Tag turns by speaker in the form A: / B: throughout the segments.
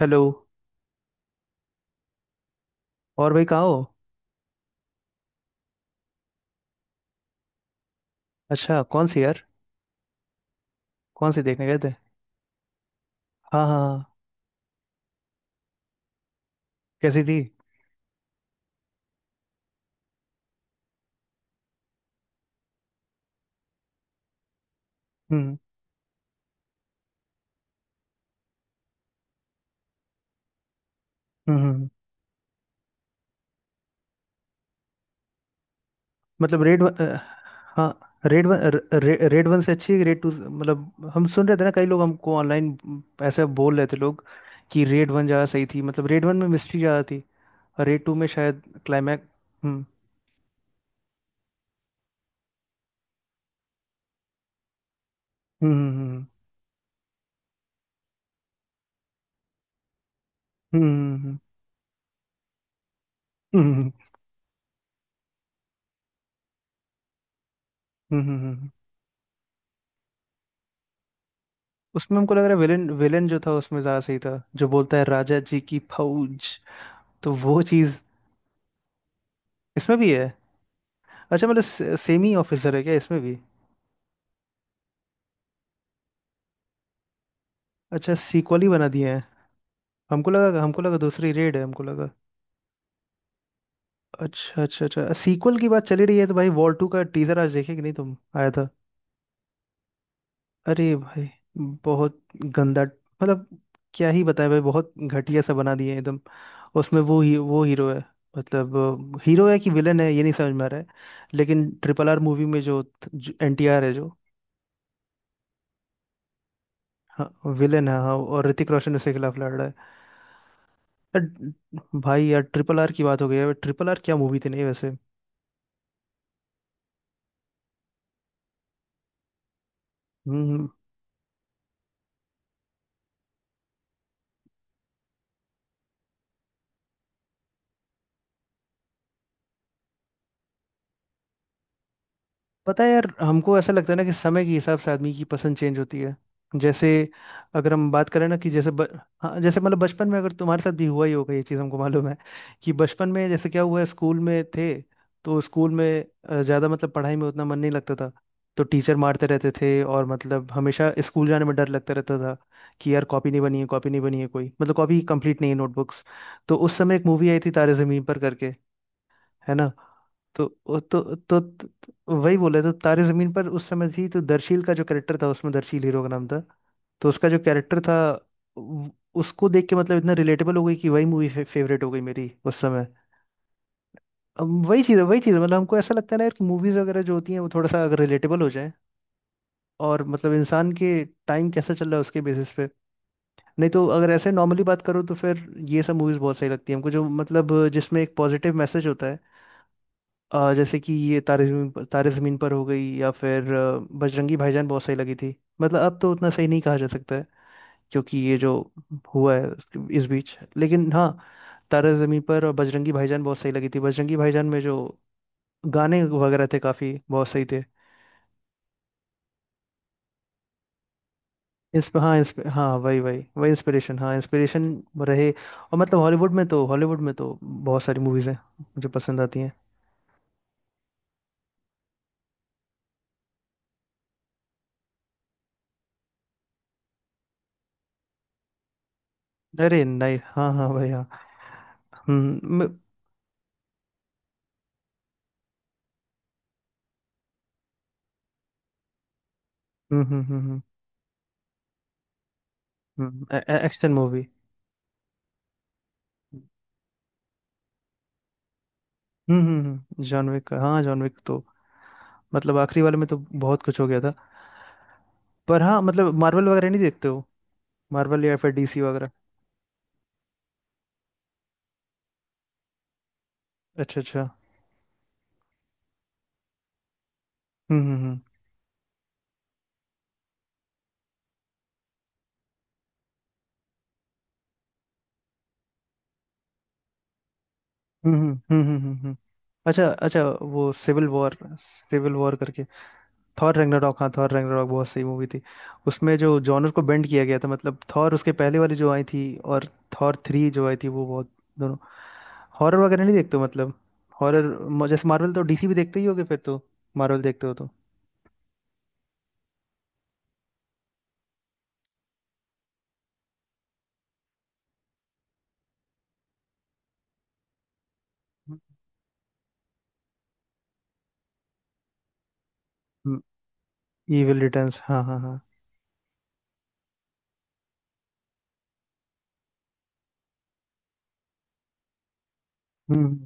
A: Hello. और भाई कहाँ हो? अच्छा, कौन सी यार? कौन सी देखने गए थे? हाँ, हाँ, हाँ। कैसी थी? हम्म, हम्म, मतलब रेड वन हाँ, रेड वन रेड वन से अच्छी है कि रेड टू? मतलब हम सुन रहे थे ना, कई लोग हमको ऑनलाइन ऐसे बोल रहे थे लोग कि रेड वन ज़्यादा सही थी। मतलब रेड वन में मिस्ट्री ज़्यादा थी और रेड टू में शायद क्लाइमैक्स। हम्म, हम्म, हम्म, हम्म, हम्म, हम्म, हम्म, हम्म, हम्म, हम्म, हम्म। उसमें हमको लग रहा है विलेन विलेन जो था उसमें ज़्यादा सही था, जो बोलता है राजा जी की फौज, तो वो चीज इसमें भी है। अच्छा, मतलब सेम ही ऑफिसर है क्या इसमें भी? अच्छा, सीक्वल ही बना दिए हैं। हमको लगा, हमको लगा दूसरी रेड है, हमको लगा। अच्छा, अच्छा, अच्छा। सीक्वल की बात चली रही है तो भाई, वॉर टू का टीजर आज देखे कि नहीं तुम? आया था? अरे भाई, बहुत गंदा, मतलब क्या ही बताएं भाई, बहुत घटिया सा बना दिए हैं एकदम। उसमें वो ही वो हीरो है, मतलब हीरो है कि विलन है ये नहीं समझ में आ रहा है। लेकिन ट्रिपल आर मूवी में जो एन टी आर है जो, हाँ, विलन है, हाँ, और ऋतिक रोशन उसके खिलाफ लड़ रहा है। यार। भाई यार, ट्रिपल आर की बात हो गई है, ट्रिपल आर क्या मूवी थी नहीं वैसे। हम्म। पता है यार, हमको ऐसा लगता है ना कि समय के हिसाब से आदमी की पसंद चेंज होती है। जैसे अगर हम बात करें ना कि जैसे हाँ, जैसे मतलब बचपन में अगर तुम्हारे साथ भी हुआ ही होगा ये चीज़, हमको मालूम है। कि बचपन में जैसे क्या हुआ है, स्कूल में थे। तो स्कूल में ज़्यादा मतलब पढ़ाई में उतना मन नहीं लगता था। तो टीचर मारते रहते थे और मतलब हमेशा स्कूल जाने में डर लगता रहता था कि यार कॉपी नहीं बनी है, कॉपी नहीं बनी है, कोई मतलब कॉपी कंप्लीट नहीं है नोटबुक्स। तो उस समय एक मूवी आई थी तारे ज़मीन पर करके, है ना। तो वो तो वही बोले, तो तारे जमीन पर उस समय थी, तो दर्शील का जो कैरेक्टर था उसमें, दर्शील हीरो का नाम था। तो उसका जो कैरेक्टर था, उ- उसको देख के मतलब इतना रिलेटेबल हो गई कि वही मूवी फेवरेट हो गई मेरी उस समय। अब वही चीज़ है, वही चीज़ है, मतलब हमको ऐसा लगता है ना यार कि मूवीज़ वगैरह जो होती हैं, वो थोड़ा सा अगर रिलेटेबल हो जाए, और मतलब इंसान के टाइम कैसा चल रहा है उसके बेसिस पे। नहीं तो अगर ऐसे नॉर्मली बात करो तो फिर ये सब मूवीज़ बहुत सही लगती है हमको, जो मतलब जिसमें एक पॉजिटिव मैसेज होता है। जैसे कि ये तारे जमीन पर, तारे जमीन पर हो गई, या फिर बजरंगी भाईजान बहुत सही लगी थी। मतलब अब तो उतना सही नहीं कहा जा सकता है, क्योंकि ये जो हुआ है इस बीच, लेकिन हाँ, तारे जमीन पर और बजरंगी भाईजान बहुत सही लगी थी, बजरंगी भाईजान में जो गाने वगैरह थे काफी बहुत सही थे। इस पे हाँ, इस पे हाँ, वही, वही, वही, इंस्पिरेशन, हाँ इंस्पिरेशन रहे। और मतलब हॉलीवुड में तो, हॉलीवुड में तो बहुत सारी मूवीज हैं जो पसंद आती हैं। अरे नहीं, हाँ, हाँ भाई, हाँ। हम्म। हम्म, हम्म, हम्म, हम्म। Action movie. हम्म, हम्म, हम्म। जॉन विक का हाँ, जॉन विक तो मतलब आखिरी वाले में तो बहुत कुछ हो गया था। पर हाँ, मतलब मार्वल वगैरह नहीं देखते हो? मार्वल या फिर डीसी वगैरह? अच्छा, अच्छा। हम्म, हम्म, हम्म, हम्म, हम्म, हम्म, अच्छा, अच्छा, वो सिविल वॉर, सिविल वॉर करके। थॉर रैग्नारॉक, हाँ, थॉर रैग्नारॉक बहुत सही मूवी थी। उसमें जो जॉनर को बेंड किया गया था मतलब, थॉर उसके पहले वाली जो आई थी, और थॉर थ्री जो आई थी वो बहुत, दोनों। हॉरर वगैरह नहीं देखते हो मतलब? हॉरर जैसे, मार्वल तो डीसी भी देखते ही होगे फिर तो, मार्वल देखते हो तो। इविल रिटर्न्स, हाँ, हाँ, हाँ। हम्म।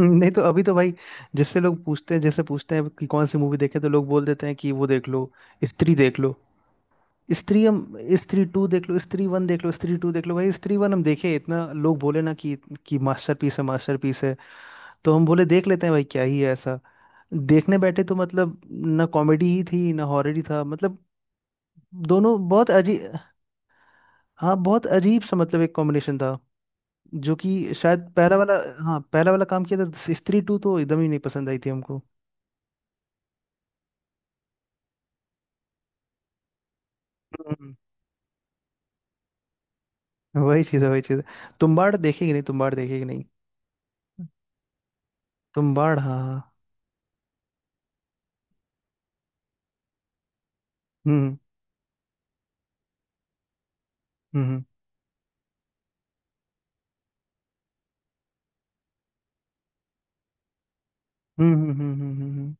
A: नहीं तो अभी तो भाई, जिससे लोग पूछते हैं, जैसे पूछते हैं कि कौन सी मूवी देखे, तो लोग बोल देते हैं कि वो देख लो, स्त्री देख लो, स्त्री हम, स्त्री टू देख लो, स्त्री वन देख लो, स्त्री टू देख लो भाई। स्त्री वन हम देखे, इतना लोग बोले ना कि मास्टरपीस है, मास्टरपीस है। तो हम बोले देख लेते हैं भाई, क्या ही है ऐसा। देखने बैठे तो मतलब, ना कॉमेडी ही थी, ना हॉरर ही था मतलब, दोनों बहुत अजीब। हाँ, बहुत अजीब सा मतलब, एक कॉम्बिनेशन था जो कि शायद पहला वाला, हाँ पहला वाला काम किया था। स्त्री टू तो एकदम ही नहीं पसंद आई थी हमको। हम्म। वही चीज़ है, वही चीज़ है। तुम्बाड़ देखेगी नहीं, तुम्बाड़ देखेगी नहीं? तुम्बाड़, हाँ, हाँ। हम्म, हम्म, हम्म, हम्म, हम्म, हम्म,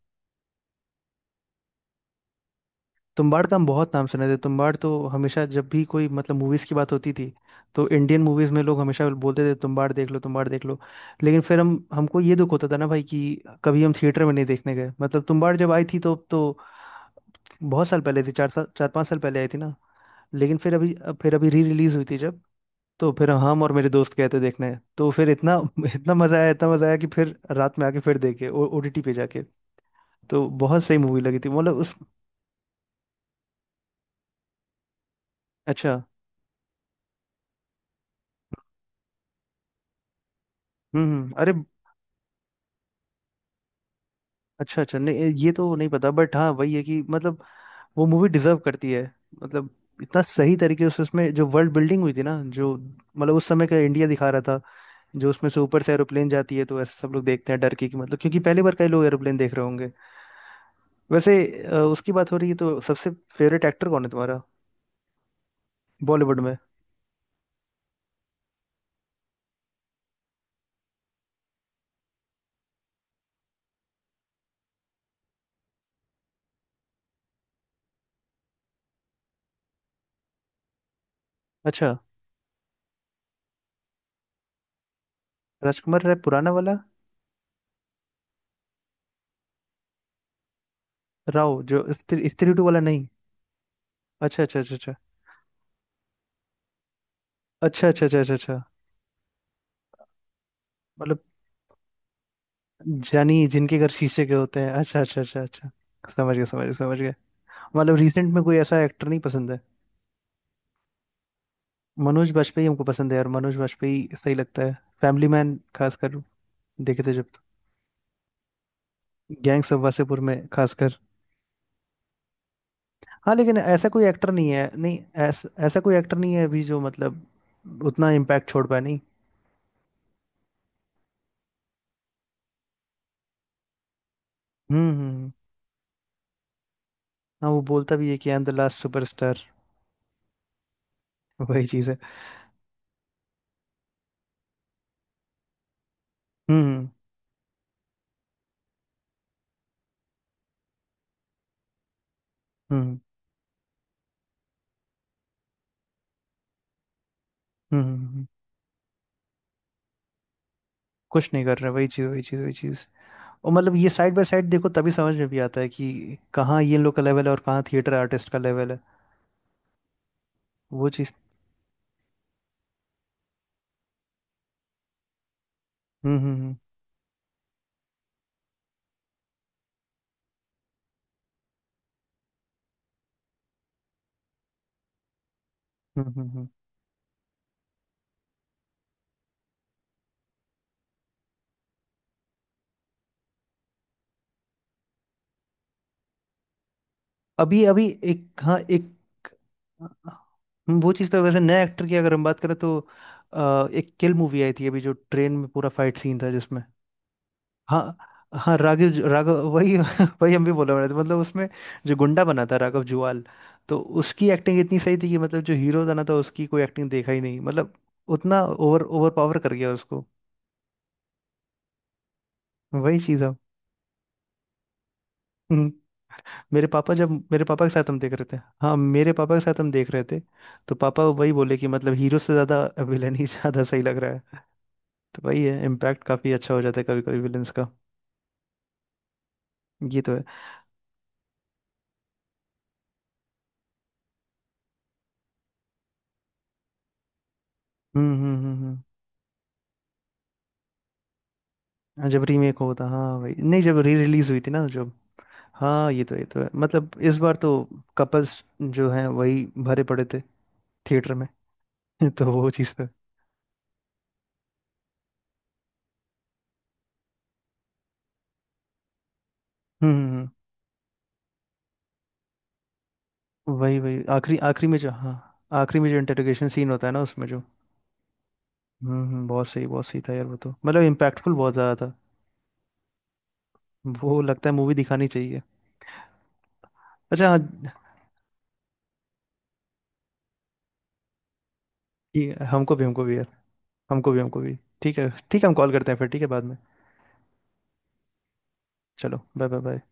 A: तुम्बाड़ का हम बहुत नाम सुने थे, तुम्बाड़ तो हमेशा जब भी कोई मतलब मूवीज की बात होती थी, तो इंडियन मूवीज में लोग हमेशा बोलते थे तुम्बाड़ देख लो, तुम्बाड़ देख लो। लेकिन फिर हम हमको ये दुख होता था ना भाई कि कभी हम थिएटर में नहीं देखने गए, मतलब तुम्बाड़ जब आई थी तो, बहुत साल पहले थी, चार साल, चार पाँच साल पहले आई थी ना। लेकिन फिर अभी, अब फिर अभी री रिलीज हुई थी जब, तो फिर हम और मेरे दोस्त गए थे देखने, तो फिर इतना इतना मजा आया, इतना मजा आया कि फिर रात में आके फिर देखे ओटीटी पे जाके। तो बहुत सही मूवी लगी थी मतलब। अच्छा। हम्म, अरे। अच्छा, अच्छा, नहीं ये तो नहीं पता, बट हाँ वही है कि मतलब वो मूवी डिजर्व करती है। मतलब, इतना सही तरीके से उसमें जो वर्ल्ड बिल्डिंग हुई थी ना, जो मतलब उस समय का इंडिया दिखा रहा था, जो उसमें से ऊपर से एरोप्लेन जाती है तो ऐसे सब लोग देखते हैं डर के, कि मतलब क्योंकि पहली बार कई लोग एरोप्लेन देख रहे होंगे। वैसे, उसकी बात हो रही है तो सबसे फेवरेट एक्टर कौन है तुम्हारा बॉलीवुड में? अच्छा, राजकुमार राय पुराना वाला? राव जो स्त्री, स्त्री टू वाला नहीं? अच्छा, अच्छा, अच्छा, अच्छा, अच्छा, अच्छा, अच्छा, अच्छा, अच्छा। मतलब जानी जिनके घर शीशे के होते हैं, अच्छा, अच्छा, अच्छा, अच्छा। समझ गया, समझ गया, समझ गया। मतलब रिसेंट में कोई ऐसा एक्टर नहीं पसंद है? मनोज बाजपेयी हमको पसंद है यार, मनोज बाजपेयी सही लगता है। फैमिली मैन खासकर देखे थे जब तो। गैंग ऑफ वासेपुर में खासकर। हाँ, लेकिन ऐसा कोई एक्टर नहीं है, नहीं, ऐसा कोई एक्टर नहीं है अभी जो मतलब उतना इम्पैक्ट छोड़ पाया नहीं। हम्म, हम्म, हाँ, वो बोलता भी है कि I am the last superstar. वही चीज़ है। हम्म, हम्म, हम्म, हम्म, हम्म, हम्म, हम्म। कुछ नहीं कर रहा, वही चीज़, वही चीज़, वही चीज़। और मतलब ये साइड बाय साइड देखो तभी समझ में भी आता है कि कहाँ ये लोग का लेवल है और कहाँ थिएटर आर्टिस्ट का लेवल है। वो चीज़। हम्म, हम्म, हम्म, हम्म, अभी अभी एक, हाँ, एक। वो चीज़ तो वैसे नए एक्टर की अगर हम बात करें तो, एक किल मूवी आई थी अभी, जो ट्रेन में पूरा फाइट सीन था जिसमें, हाँ, हाँ राघव राघव, वही वही हम भी बोला रहे थे मतलब उसमें, जो गुंडा बना था राघव जुवाल। तो उसकी एक्टिंग इतनी सही थी कि मतलब, जो हीरो बना था उसकी कोई एक्टिंग देखा ही नहीं मतलब, उतना ओवर ओवर पावर कर गया उसको। वही चीज़ अब। हम्म। मेरे पापा, जब मेरे पापा के साथ हम देख रहे थे, हाँ मेरे पापा के साथ हम देख रहे थे, तो पापा वही बोले कि मतलब हीरो से ज़्यादा विलन ही ज़्यादा सही लग रहा है। तो वही है, इम्पैक्ट काफ़ी अच्छा हो जाता है कभी कभी विलन्स का। ये तो है। हम्म, हम्म, हम्म, हाँ, जब रीमेक होता, हाँ वही, नहीं जब री रिलीज हुई थी ना जब, हाँ ये तो है मतलब इस बार तो कपल्स जो हैं वही भरे पड़े थे थिएटर में। तो वो चीज़ तो है। हम्म, वही वही, आखिरी, आखिरी में जो, हाँ, आखिरी में जो इंटरोगेशन सीन होता है ना उसमें जो, हम्म, बहुत सही, बहुत सही था यार वो तो, मतलब इम्पैक्टफुल बहुत ज़्यादा था। वो लगता है मूवी दिखानी चाहिए। अच्छा, हाँ। ठीक है, हमको भी, हमको भी यार, हमको भी, हमको भी। ठीक है, ठीक है, हम कॉल करते हैं फिर, ठीक है बाद में। चलो, बाय, बाय, बाय।